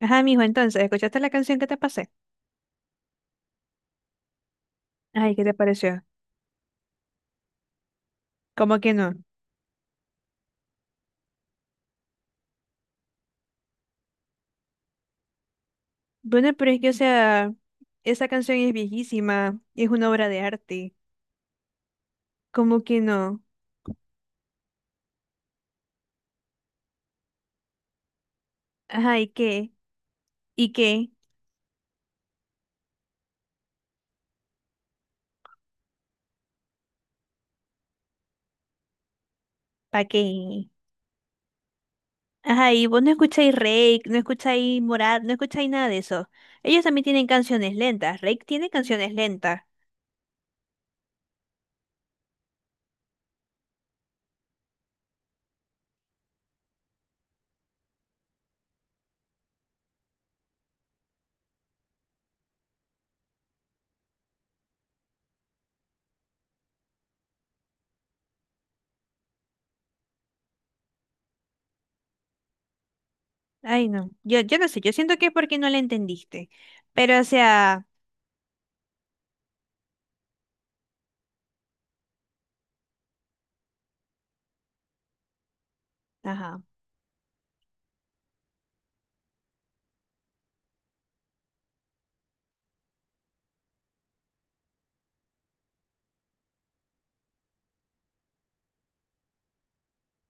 Ajá, mijo, entonces, ¿escuchaste la canción que te pasé? Ay, ¿qué te pareció? ¿Cómo que no? Bueno, pero es que, o sea, esa canción es viejísima, es una obra de arte. ¿Cómo que no? Ajá, ¿y qué? ¿Y qué? ¿Pa qué? Ajá, y vos no escucháis Reik, no escucháis Morat, no escucháis nada de eso. Ellos también tienen canciones lentas, Reik tiene canciones lentas. Ay, no, yo no sé, yo siento que es porque no la entendiste. Pero, o sea, ajá,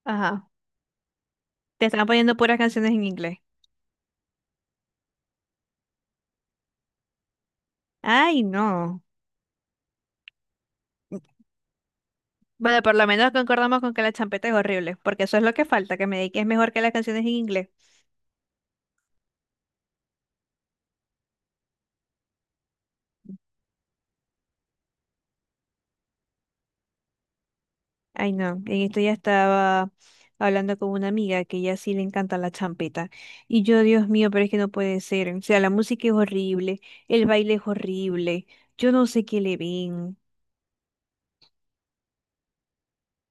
ajá, te están poniendo puras canciones en inglés. Ay, no. Bueno, por lo menos concordamos con que la champeta es horrible, porque eso es lo que falta, que me diga que es mejor que las canciones en inglés. Ay, no, en esto ya estaba hablando con una amiga que ella sí le encanta la champeta. Y yo, Dios mío, pero es que no puede ser. O sea, la música es horrible, el baile es horrible, yo no sé qué le ven.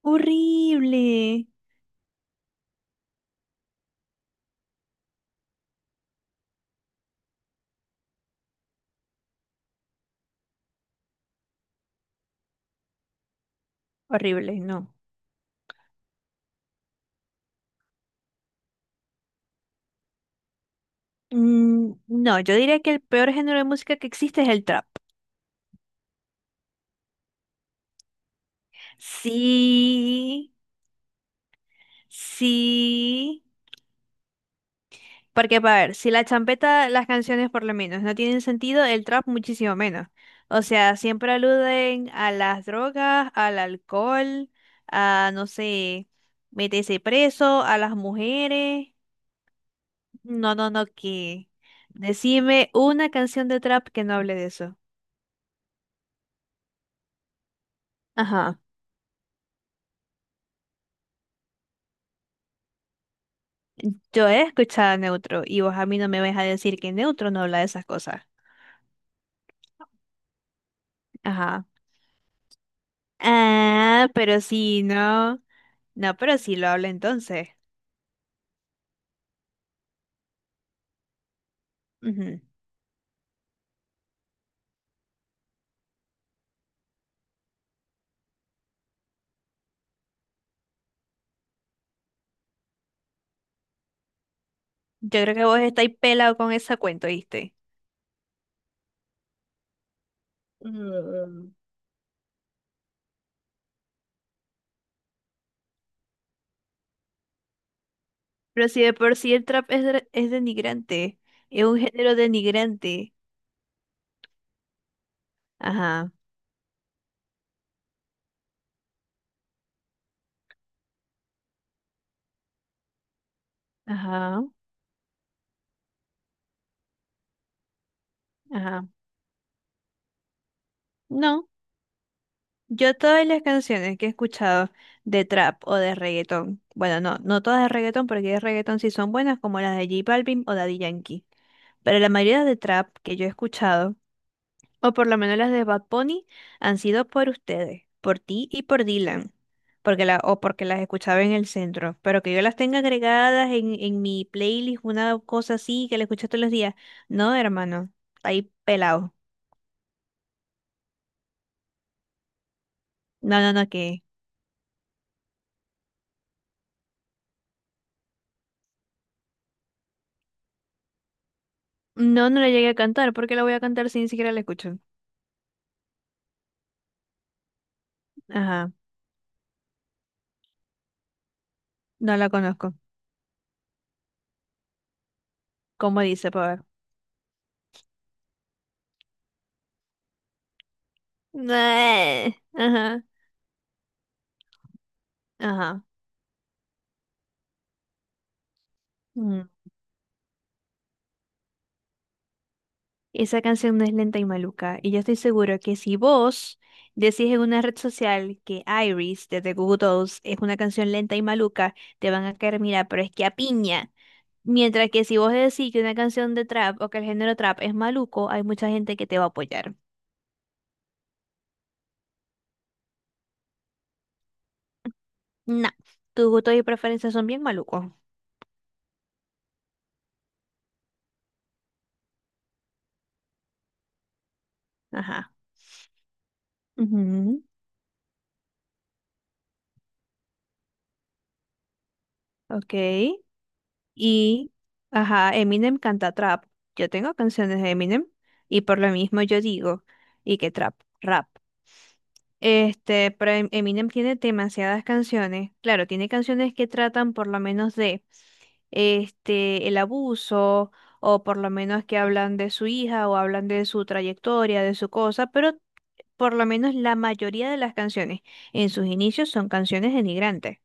Horrible, horrible, no. Mm, no, yo diría que el peor género de música que existe es el trap. Sí, sí. Porque, para ver, si la champeta, las canciones por lo menos no tienen sentido, el trap muchísimo menos. O sea, siempre aluden a las drogas, al alcohol, a, no sé, meterse preso, a las mujeres. No, no, no, que... Decime una canción de trap que no hable de eso. Ajá. Yo he escuchado a Neutro y vos a mí no me vais a decir que Neutro no habla de esas cosas. Ajá. Ah, pero sí, no. No, pero sí lo habla entonces. Ujú. Yo creo que vos estáis pelado con esa cuenta, ¿viste? Mm, pero si de por sí el trap es, es denigrante, es un género denigrante. Ajá, ajá, ajá. No, yo todas las canciones que he escuchado de trap o de reggaetón, bueno, no, no todas de reggaetón, porque de reggaetón sí son buenas, como las de J Balvin o Daddy Yankee. Pero la mayoría de trap que yo he escuchado o por lo menos las de Bad Bunny, han sido por ustedes, por ti y por Dylan, porque la, o porque las escuchaba en el centro, pero que yo las tenga agregadas en mi playlist, una cosa así, que la escucho todos los días. No, hermano, ahí pelado. No, no, no, que... No, no la llegué a cantar, porque la voy a cantar si ni siquiera la escucho. Ajá, no la conozco. ¿Cómo dice, para ver? Ajá, ajá. Esa canción no es lenta y maluca, y yo estoy seguro que si vos decís en una red social que Iris de The Goo Goo Dolls es una canción lenta y maluca, te van a caer, mira, pero es que a piña. Mientras que si vos decís que una canción de trap o que el género trap es maluco, hay mucha gente que te va a apoyar. No, tus gustos y preferencias son bien malucos. Ajá. Ujú, ok. Y, ajá, Eminem canta trap. Yo tengo canciones de Eminem y por lo mismo yo digo, ¿y qué trap? Rap. Este, pero Eminem tiene demasiadas canciones. Claro, tiene canciones que tratan por lo menos de este el abuso o por lo menos que hablan de su hija o hablan de su trayectoria, de su cosa, pero por lo menos la mayoría de las canciones en sus inicios son canciones denigrantes.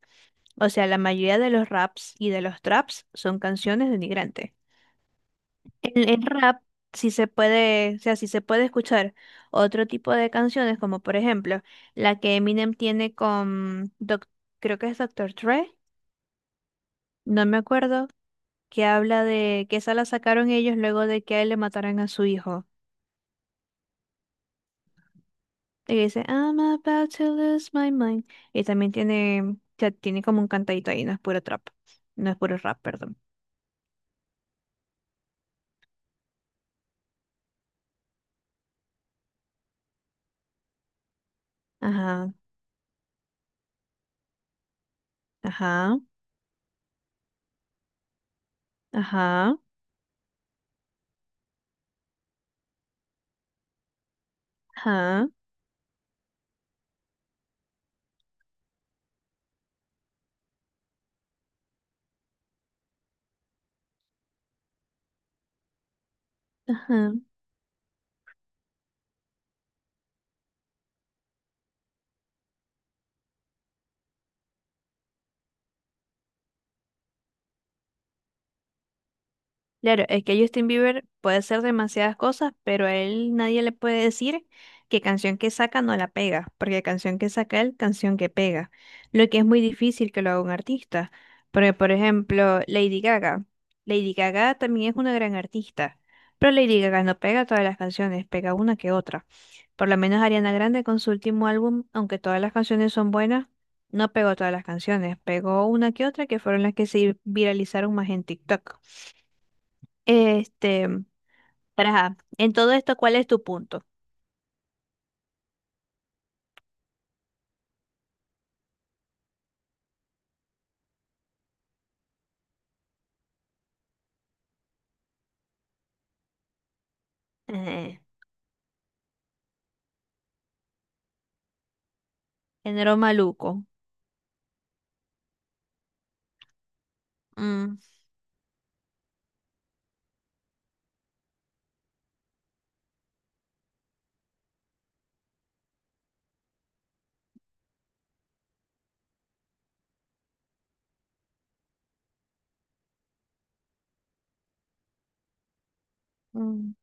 O sea, la mayoría de los raps y de los traps son canciones denigrantes el rap sí se puede, o sea, sí se puede escuchar otro tipo de canciones, como por ejemplo la que Eminem tiene con, creo que es doctor Dre, no me acuerdo, que habla de que esa la sacaron ellos luego de que a él le mataran a su hijo. Y dice, I'm about to lose my mind. Y también tiene, o sea, tiene como un cantadito ahí, no es puro trap, no es puro rap, perdón. Ajá, ajá, ajá, ajá, ajá. Claro, es que Justin Bieber puede hacer demasiadas cosas, pero a él nadie le puede decir que canción que saca no la pega, porque canción que saca él, canción que pega, lo que es muy difícil que lo haga un artista. Porque, por ejemplo, Lady Gaga. Lady Gaga también es una gran artista, pero Lady Gaga no pega todas las canciones, pega una que otra. Por lo menos Ariana Grande con su último álbum, aunque todas las canciones son buenas, no pegó todas las canciones, pegó una que otra que fueron las que se viralizaron más en TikTok. Este, pero ajá, en todo esto, ¿cuál es tu punto? Eh, género maluco. Mm, mm,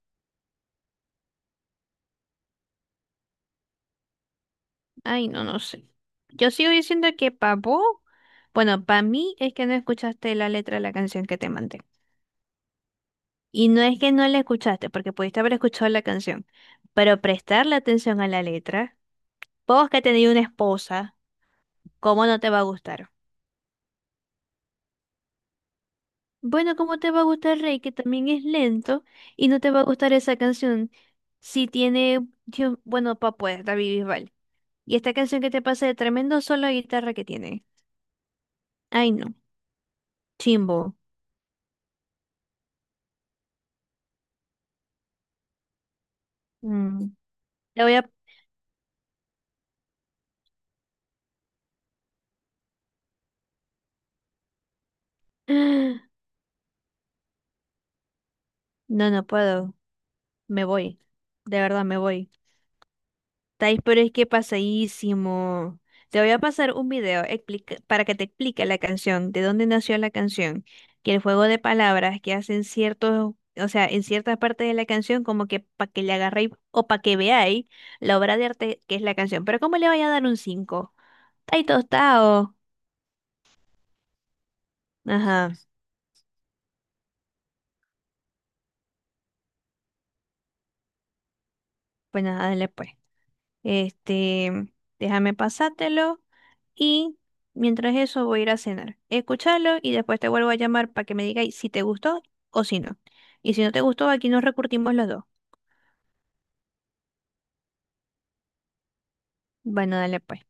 ay, no, no sé. Yo sigo diciendo que para vos, bueno, para mí es que no escuchaste la letra de la canción que te mandé. Y no es que no la escuchaste, porque pudiste haber escuchado la canción, pero prestarle atención a la letra, vos que tenéis una esposa, ¿cómo no te va a gustar? Bueno, ¿cómo te va a gustar Rey, que también es lento, y no te va a gustar esa canción si tiene, bueno, Papo es David Bisbal. Y esta canción que te pasa de tremendo solo de guitarra que tiene. Ay, no, chimbo. Mm. Le voy a... No, no puedo. Me voy. De verdad, me voy. Tais, pero es que pasadísimo. Te voy a pasar un video para que te explique la canción, de dónde nació la canción, que el juego de palabras que hacen ciertos, o sea, en ciertas partes de la canción, como que para que le agarréis o para que veáis la obra de arte que es la canción. Pero ¿cómo le vaya a dar un 5 Tai tostado. Ajá, pues nada, dale pues. Este, déjame pasártelo. Y mientras eso voy a ir a cenar. Escúchalo y después te vuelvo a llamar para que me digáis si te gustó o si no. Y si no te gustó, aquí nos recurtimos los dos. Bueno, dale pues.